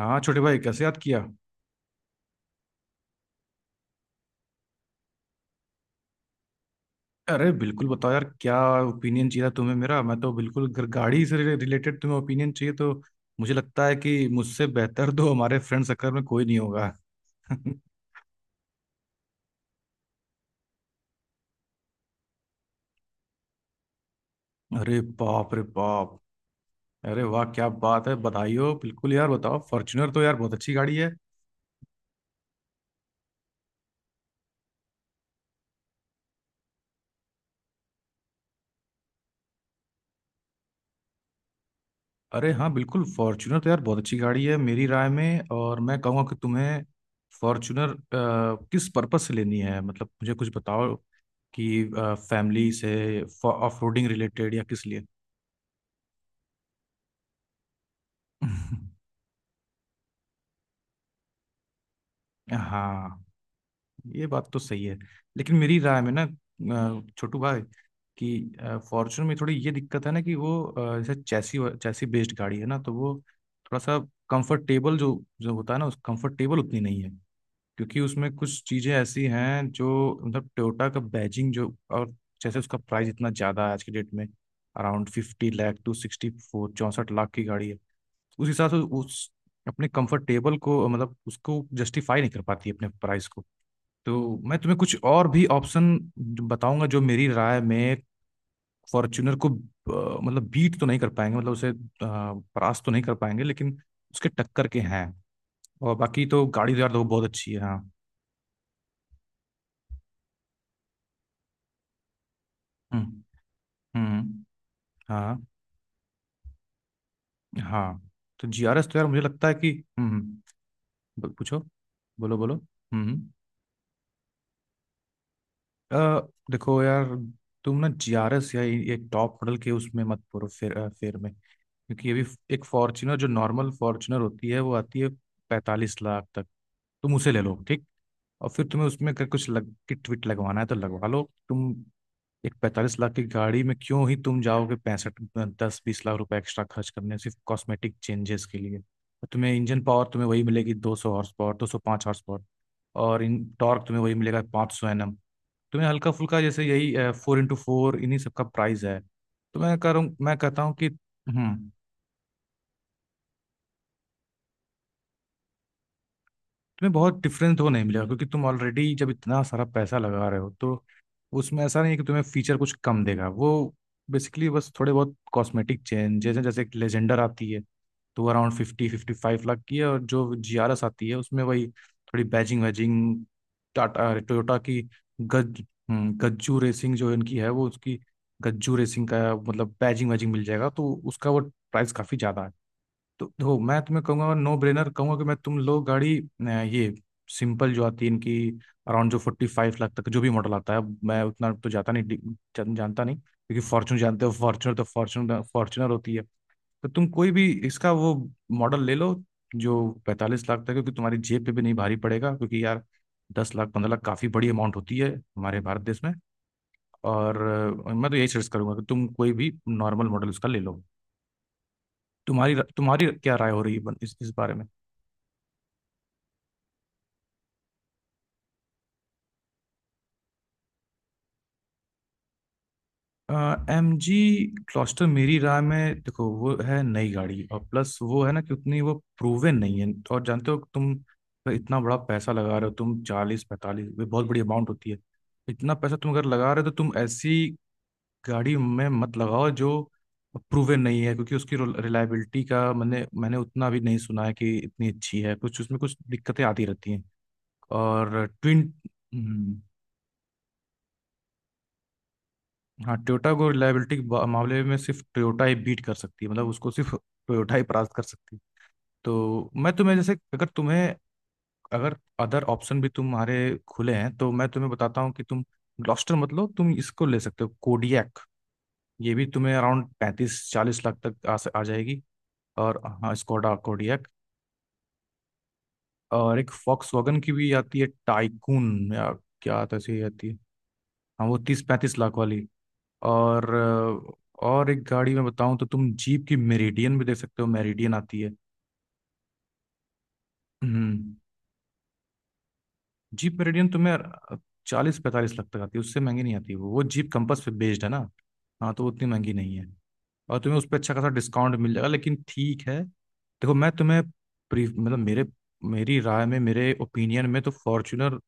हाँ छोटे भाई, कैसे याद किया? अरे बिल्कुल बताओ यार, क्या ओपिनियन चाहिए था तुम्हें मेरा? मैं तो बिल्कुल, अगर गाड़ी से रिलेटेड तुम्हें ओपिनियन चाहिए तो मुझे लगता है कि मुझसे बेहतर तो हमारे फ्रेंड सर्कल में कोई नहीं होगा। अरे बाप रे बाप। अरे वाह, क्या बात है, बधाई हो। बिल्कुल यार बताओ, फॉर्च्यूनर तो यार बहुत अच्छी गाड़ी है। अरे हाँ, बिल्कुल फॉर्च्यूनर तो यार बहुत अच्छी गाड़ी है मेरी राय में। और मैं कहूँगा कि तुम्हें फॉर्च्यूनर किस पर्पस से लेनी है, मतलब मुझे कुछ बताओ कि फैमिली से, ऑफ रोडिंग रिलेटेड या किस लिए। हाँ, ये बात तो सही है। लेकिन मेरी राय में ना, छोटू भाई, कि फॉर्च्यूनर में थोड़ी ये दिक्कत है ना कि वो जैसे चैसी चैसी बेस्ड गाड़ी है ना, तो वो थोड़ा सा कंफर्टेबल जो जो होता है ना, उस कंफर्टेबल उतनी नहीं है। क्योंकि उसमें कुछ चीजें ऐसी हैं जो, मतलब टोयोटा का बैजिंग जो, और जैसे उसका प्राइस इतना ज्यादा है आज के डेट में, अराउंड 50 लाख टू 64 64 लाख की गाड़ी है। उस हिसाब से उस अपने कंफर्टेबल को, मतलब उसको जस्टिफाई नहीं कर पाती अपने प्राइस को। तो मैं तुम्हें कुछ और भी ऑप्शन बताऊंगा जो मेरी राय में फॉर्च्यूनर को मतलब बीट तो नहीं कर पाएंगे, मतलब उसे परास्त तो नहीं कर पाएंगे, लेकिन उसके टक्कर के हैं। और बाकी तो गाड़ी तो यार तो बहुत अच्छी है। हाँ। हम्म हम्म। हाँ हाँ। तो GRS तो यार मुझे लगता है कि, हम्म हम्म, पूछो, बोलो बोलो। हम्म हम्म। अ, देखो यार, तुम ना GRS या ये टॉप मॉडल के उसमें मत पड़ो, फेर में, क्योंकि ये भी, एक फॉर्च्यूनर जो नॉर्मल फॉर्च्यूनर होती है वो आती है 45 लाख तक, तुम उसे ले लो, ठीक। और फिर तुम्हें उसमें अगर कुछ लग किट विट लगवाना है तो लगवा लो। तुम एक 45 लाख की गाड़ी में क्यों ही तुम जाओगे पैंसठ, 10-20 लाख रुपए एक्स्ट्रा खर्च करने सिर्फ कॉस्मेटिक चेंजेस के लिए? और तुम्हें इंजन पावर तुम्हें वही मिलेगी, 200 हॉर्स पावर, 205 हॉर्स पावर। और इन टॉर्क तुम्हें वही मिलेगा, 500 NM। तुम्हें हल्का फुल्का, जैसे यही 4x4, इन्हीं सबका प्राइस है। तो मैं कह रहा हूँ, मैं कहता हूँ कि, हम्म, तुम्हें बहुत डिफरेंस तो नहीं मिलेगा क्योंकि तुम ऑलरेडी जब इतना सारा पैसा लगा रहे हो तो उसमें ऐसा नहीं है कि तुम्हें फीचर कुछ कम देगा वो, बेसिकली बस थोड़े बहुत कॉस्मेटिक चेंजेस हैं। जैसे एक लेजेंडर आती है तो अराउंड 50-55 लाख की है, और जो GRS आती है उसमें वही थोड़ी बैजिंग वैजिंग, टाटा टोयोटा की, गज, गज्जू रेसिंग जो इनकी है वो उसकी, गज्जू रेसिंग का मतलब बैजिंग वैजिंग मिल जाएगा, तो उसका वो प्राइस काफ़ी ज़्यादा है। तो देखो मैं तुम्हें कहूंगा, नो ब्रेनर कहूंगा कि, मैं तुम लोग गाड़ी ये सिंपल जो आती है इनकी अराउंड जो 45 लाख तक जो भी मॉडल आता है, मैं उतना तो जाता नहीं जानता नहीं, क्योंकि फॉर्च्यून जानते हो, फॉर्च्यूनर तो फॉर्च्यूनर फॉर्च्यूनर होती है। तो तुम कोई भी इसका वो मॉडल ले लो जो 45 लाख तक है, क्योंकि तुम्हारी जेब पे भी नहीं भारी पड़ेगा। क्योंकि यार 10-15 लाख काफ़ी बड़ी अमाउंट होती है हमारे भारत देश में। और मैं तो यही सजेस्ट करूंगा कि तुम कोई भी नॉर्मल मॉडल उसका ले लो। तुम्हारी तुम्हारी क्या राय हो रही है इस बारे में? MG क्लॉस्टर मेरी राय में, देखो वो है नई गाड़ी, और प्लस वो है ना कि उतनी वो प्रूवन नहीं है। और जानते हो तुम, इतना बड़ा पैसा लगा रहे हो तुम, 40-45, ये बहुत बड़ी अमाउंट होती है। इतना पैसा तुम अगर लगा रहे हो तो तुम ऐसी गाड़ी में मत लगाओ जो प्रूवन नहीं है, क्योंकि उसकी रिलायबिलिटी का मैंने मैंने उतना भी नहीं सुना है कि इतनी अच्छी है, कुछ उसमें कुछ दिक्कतें आती रहती हैं। और ट्विन, हाँ, टोयोटा को रिलायबिलिटी के मामले में सिर्फ टोयोटा ही बीट कर सकती है, मतलब उसको सिर्फ टोयोटा ही परास्त कर सकती है। तो मैं तुम्हें, जैसे अगर तुम्हें, अगर अदर ऑप्शन भी तुम्हारे खुले हैं तो मैं तुम्हें बताता हूँ कि तुम ग्लॉस्टर, मतलब तुम इसको ले सकते हो, कोडियक, ये भी तुम्हें अराउंड 35-40 लाख तक आ जाएगी। और हाँ स्कोडा कोडियक, और एक फॉक्स वॉगन की भी आती है, टाइकून या क्या, तो ऐसी ही आती है। हाँ वो 30-35 लाख वाली। और और एक गाड़ी में बताऊं तो तुम जीप की मेरिडियन भी देख सकते हो, मेरिडियन आती है। हम्म। जीप मेरिडियन तुम्हें 40-45 लाख तक आती है, उससे महंगी नहीं आती वो जीप कंपास पे बेस्ड है ना। हाँ तो वो उतनी महंगी नहीं है, और तुम्हें उस पर अच्छा खासा डिस्काउंट मिल जाएगा। लेकिन ठीक है, देखो मैं तुम्हें, प्री, मतलब मेरे, मेरी राय में, मेरे ओपिनियन में तो फॉर्च्यूनर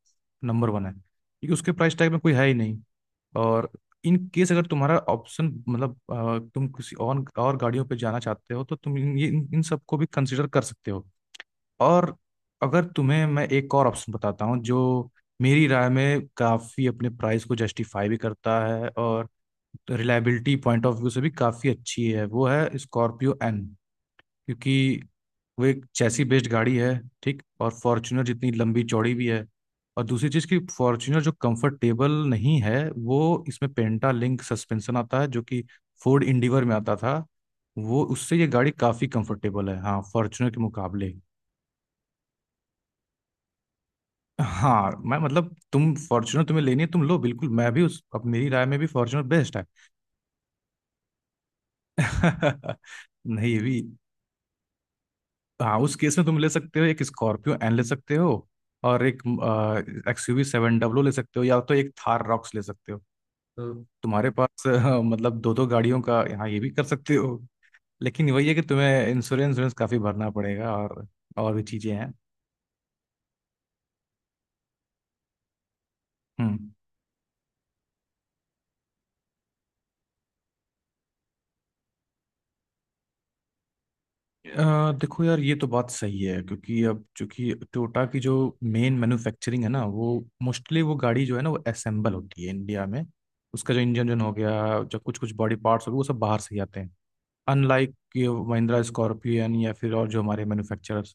नंबर वन है, क्योंकि उसके प्राइस टैग में कोई है ही नहीं। और इन केस अगर तुम्हारा ऑप्शन, मतलब तुम किसी और गाड़ियों पे जाना चाहते हो तो तुम इन इन सबको भी कंसिडर कर सकते हो। और अगर तुम्हें, मैं एक और ऑप्शन बताता हूँ जो मेरी राय में काफ़ी अपने प्राइस को जस्टिफाई भी करता है और रिलायबिलिटी पॉइंट ऑफ व्यू से भी काफ़ी अच्छी है, वो है स्कॉर्पियो एन। क्योंकि वो एक चैसी बेस्ड गाड़ी है, ठीक, और फॉर्च्यूनर जितनी लंबी चौड़ी भी है। और दूसरी चीज़ कि फॉर्च्यूनर जो कंफर्टेबल नहीं है, वो इसमें पेंटा लिंक सस्पेंशन आता है जो कि फोर्ड इंडिवर में आता था, वो उससे ये गाड़ी काफ़ी कंफर्टेबल है हाँ, फॉर्च्यूनर के मुकाबले। हाँ, मैं मतलब तुम फॉर्च्यूनर तुम्हें लेनी है तुम लो बिल्कुल, मैं भी उस, अब मेरी राय में भी फॉर्च्यूनर बेस्ट है। नहीं ये भी, हाँ उस केस में तुम ले सकते हो, एक स्कॉर्पियो एन ले सकते हो और एक XUV 700 ले सकते हो, या तो एक थार रॉक्स ले सकते हो। तो तुम्हारे पास मतलब दो दो गाड़ियों का, यहाँ ये भी कर सकते हो। लेकिन वही है कि तुम्हें इंश्योरेंस इंश्योरेंस काफी भरना पड़ेगा, और भी चीजें हैं। हम्म। देखो यार, ये तो बात सही है, क्योंकि अब चूंकि टोयोटा की जो मेन मैन्युफैक्चरिंग है ना, वो मोस्टली वो गाड़ी जो है ना वो असेंबल होती है इंडिया में। उसका जो इंजन जो हो गया, जो कुछ कुछ बॉडी पार्ट्स हो गए, वो सब बाहर से ही आते हैं, अनलाइक ये महिंद्रा स्कॉर्पियन या फिर और जो हमारे मैन्युफैक्चरर्स।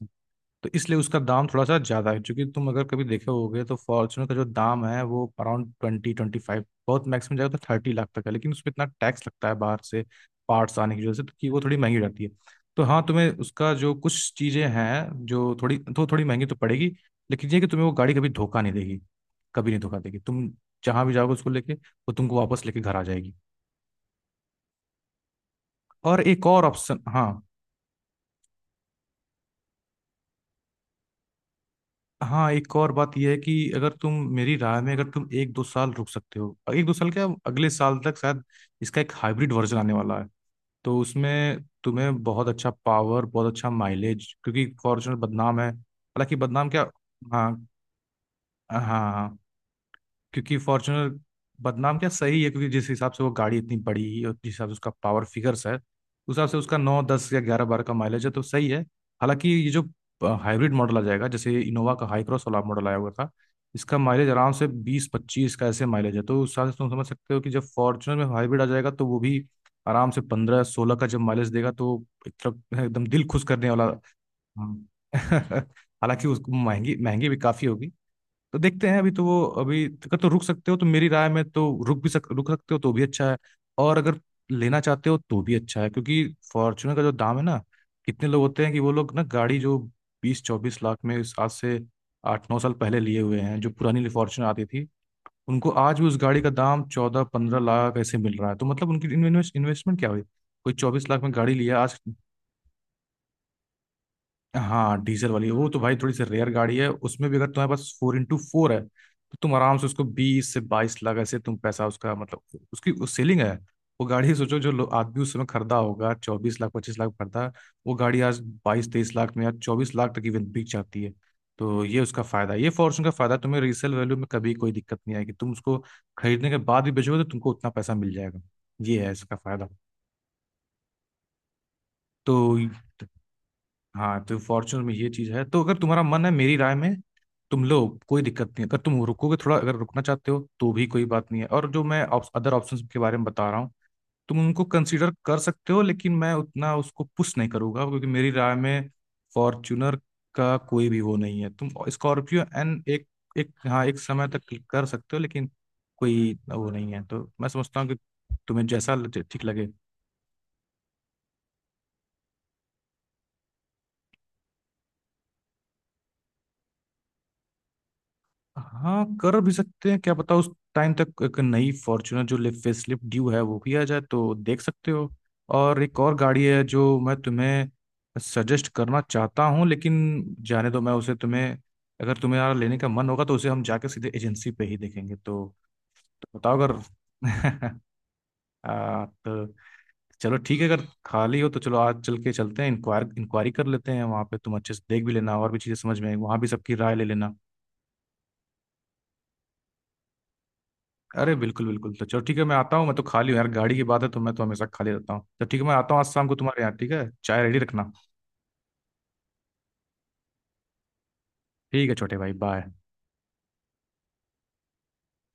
तो इसलिए उसका दाम थोड़ा सा ज्यादा है, क्योंकि तुम अगर कभी देखे होगे तो फॉर्चुनर का जो दाम है वो अराउंड 20-25, बहुत मैक्सिमम जाएगा तो 30 लाख तक है। लेकिन उसमें इतना टैक्स लगता है बाहर से पार्ट्स आने की वजह से, तो कि वो थोड़ी महंगी हो जाती है। तो हाँ तुम्हें उसका जो कुछ चीजें हैं जो थोड़ी महंगी तो पड़ेगी। लेकिन ये कि तुम्हें वो गाड़ी कभी धोखा नहीं देगी, कभी नहीं धोखा देगी तुम, जहां भी जाओगे उसको लेके वो तुमको वापस लेके घर आ जाएगी। और एक और ऑप्शन, हाँ, हाँ एक और बात यह है कि अगर तुम, मेरी राय में अगर तुम 1-2 साल रुक सकते हो, 1-2 साल क्या, अगले साल तक शायद इसका एक हाइब्रिड वर्जन आने वाला है। तो उसमें तुम्हें बहुत अच्छा पावर, बहुत अच्छा माइलेज, क्योंकि फॉर्च्यूनर बदनाम है, हालांकि बदनाम क्या, हाँ हाँ हाँ। हाँ। क्योंकि फॉर्च्यूनर बदनाम क्या, सही है, क्योंकि जिस हिसाब से वो गाड़ी इतनी बड़ी और जिस हिसाब से उसका पावर फिगर्स है, उस हिसाब से उसका 9-10 या 11-12 का माइलेज है तो सही है। हालांकि ये जो हाइब्रिड मॉडल आ जाएगा, जैसे इनोवा का हाई क्रॉस वाला मॉडल आया हुआ था, इसका माइलेज आराम से 20-25 का ऐसे माइलेज है। तो उस हिसाब से तुम समझ सकते हो कि जब फॉर्च्यूनर में हाइब्रिड आ जाएगा तो वो भी आराम से 15-16 का जब माइलेज देगा तो एक तरफ एकदम दिल खुश करने वाला। हाँ। हालांकि उसको महंगी महंगी भी काफी होगी। तो देखते हैं अभी तो वो, अभी अगर तो रुक सकते हो तो मेरी राय में तो रुक भी सक रुक सकते हो तो भी अच्छा है। और अगर लेना चाहते हो तो भी अच्छा है, क्योंकि फॉर्च्यूनर का जो दाम है ना, कितने लोग होते हैं कि वो लोग ना गाड़ी जो 20-24 लाख में, इस आज से 8-9 साल पहले लिए हुए हैं, जो पुरानी फॉर्च्यूनर आती थी, उनको आज भी उस गाड़ी का दाम 14-15 लाख ऐसे मिल रहा है, तो मतलब उनकी इन्वेस्टमेंट क्या हुई। कोई 24 लाख में गाड़ी लिया आज। हाँ डीजल वाली, वो तो भाई थोड़ी सी रेयर गाड़ी है, उसमें भी अगर तुम्हारे पास 4x4 है तो तुम आराम से उसको 20 से 22 लाख ऐसे, तुम पैसा उसका, मतलब उसकी उस सेलिंग है। वो गाड़ी सोचो जो आदमी उस समय खरीदा होगा 24-25 लाख खरीदा, वो गाड़ी आज 22-23 लाख में या 24 लाख तक इवन बिक जाती है। तो ये उसका फायदा है, ये फॉर्च्यून का फायदा है, तुम्हें रीसेल वैल्यू में कभी कोई दिक्कत नहीं आएगी। तुम उसको खरीदने के बाद भी बेचोगे तो तुमको उतना पैसा मिल जाएगा, ये है इसका फायदा। तो हाँ तो फॉर्च्यूनर में ये चीज है, तो अगर तुम्हारा मन है मेरी राय में तुम लो, कोई दिक्कत नहीं है। अगर तुम रुकोगे थोड़ा, अगर रुकना चाहते हो तो भी कोई बात नहीं है। और जो मैं अदर ऑप्शंस के बारे में बता रहा हूँ, तुम उनको कंसीडर कर सकते हो, लेकिन मैं उतना उसको पुश नहीं करूंगा क्योंकि मेरी राय में फॉर्च्यूनर का कोई भी वो नहीं है। तुम स्कॉर्पियो एंड, एक एक हाँ एक समय तक कर सकते हो, लेकिन कोई वो नहीं है। तो मैं समझता हूँ कि तुम्हें जैसा ठीक लगे। हाँ कर भी सकते हैं, क्या पता उस टाइम तक एक नई फॉर्च्यूनर जो फेसलिफ्ट ड्यू है वो भी आ जाए तो देख सकते हो। और एक और गाड़ी है जो मैं तुम्हें सजेस्ट करना चाहता हूँ, लेकिन जाने दो, मैं उसे तुम्हें, अगर तुम्हें यार लेने का मन होगा तो उसे हम जाके सीधे एजेंसी पे ही देखेंगे तो बताओ अगर तो चलो ठीक है, अगर खाली हो तो चलो आज चल के चलते हैं, इंक्वायर इंक्वायरी कर लेते हैं वहाँ पे, तुम अच्छे से देख भी लेना और भी चीज़ें समझ में आएंगी, वहाँ भी सबकी राय ले लेना। अरे बिल्कुल बिल्कुल, तो चलो ठीक है मैं आता हूँ, मैं तो खाली हूँ यार, गाड़ी की बात है तो मैं तो हमेशा खाली रहता हूँ। तो ठीक है मैं आता हूँ आज शाम को तुम्हारे यहाँ, ठीक है, चाय रेडी रखना। ठीक है छोटे भाई, बाय।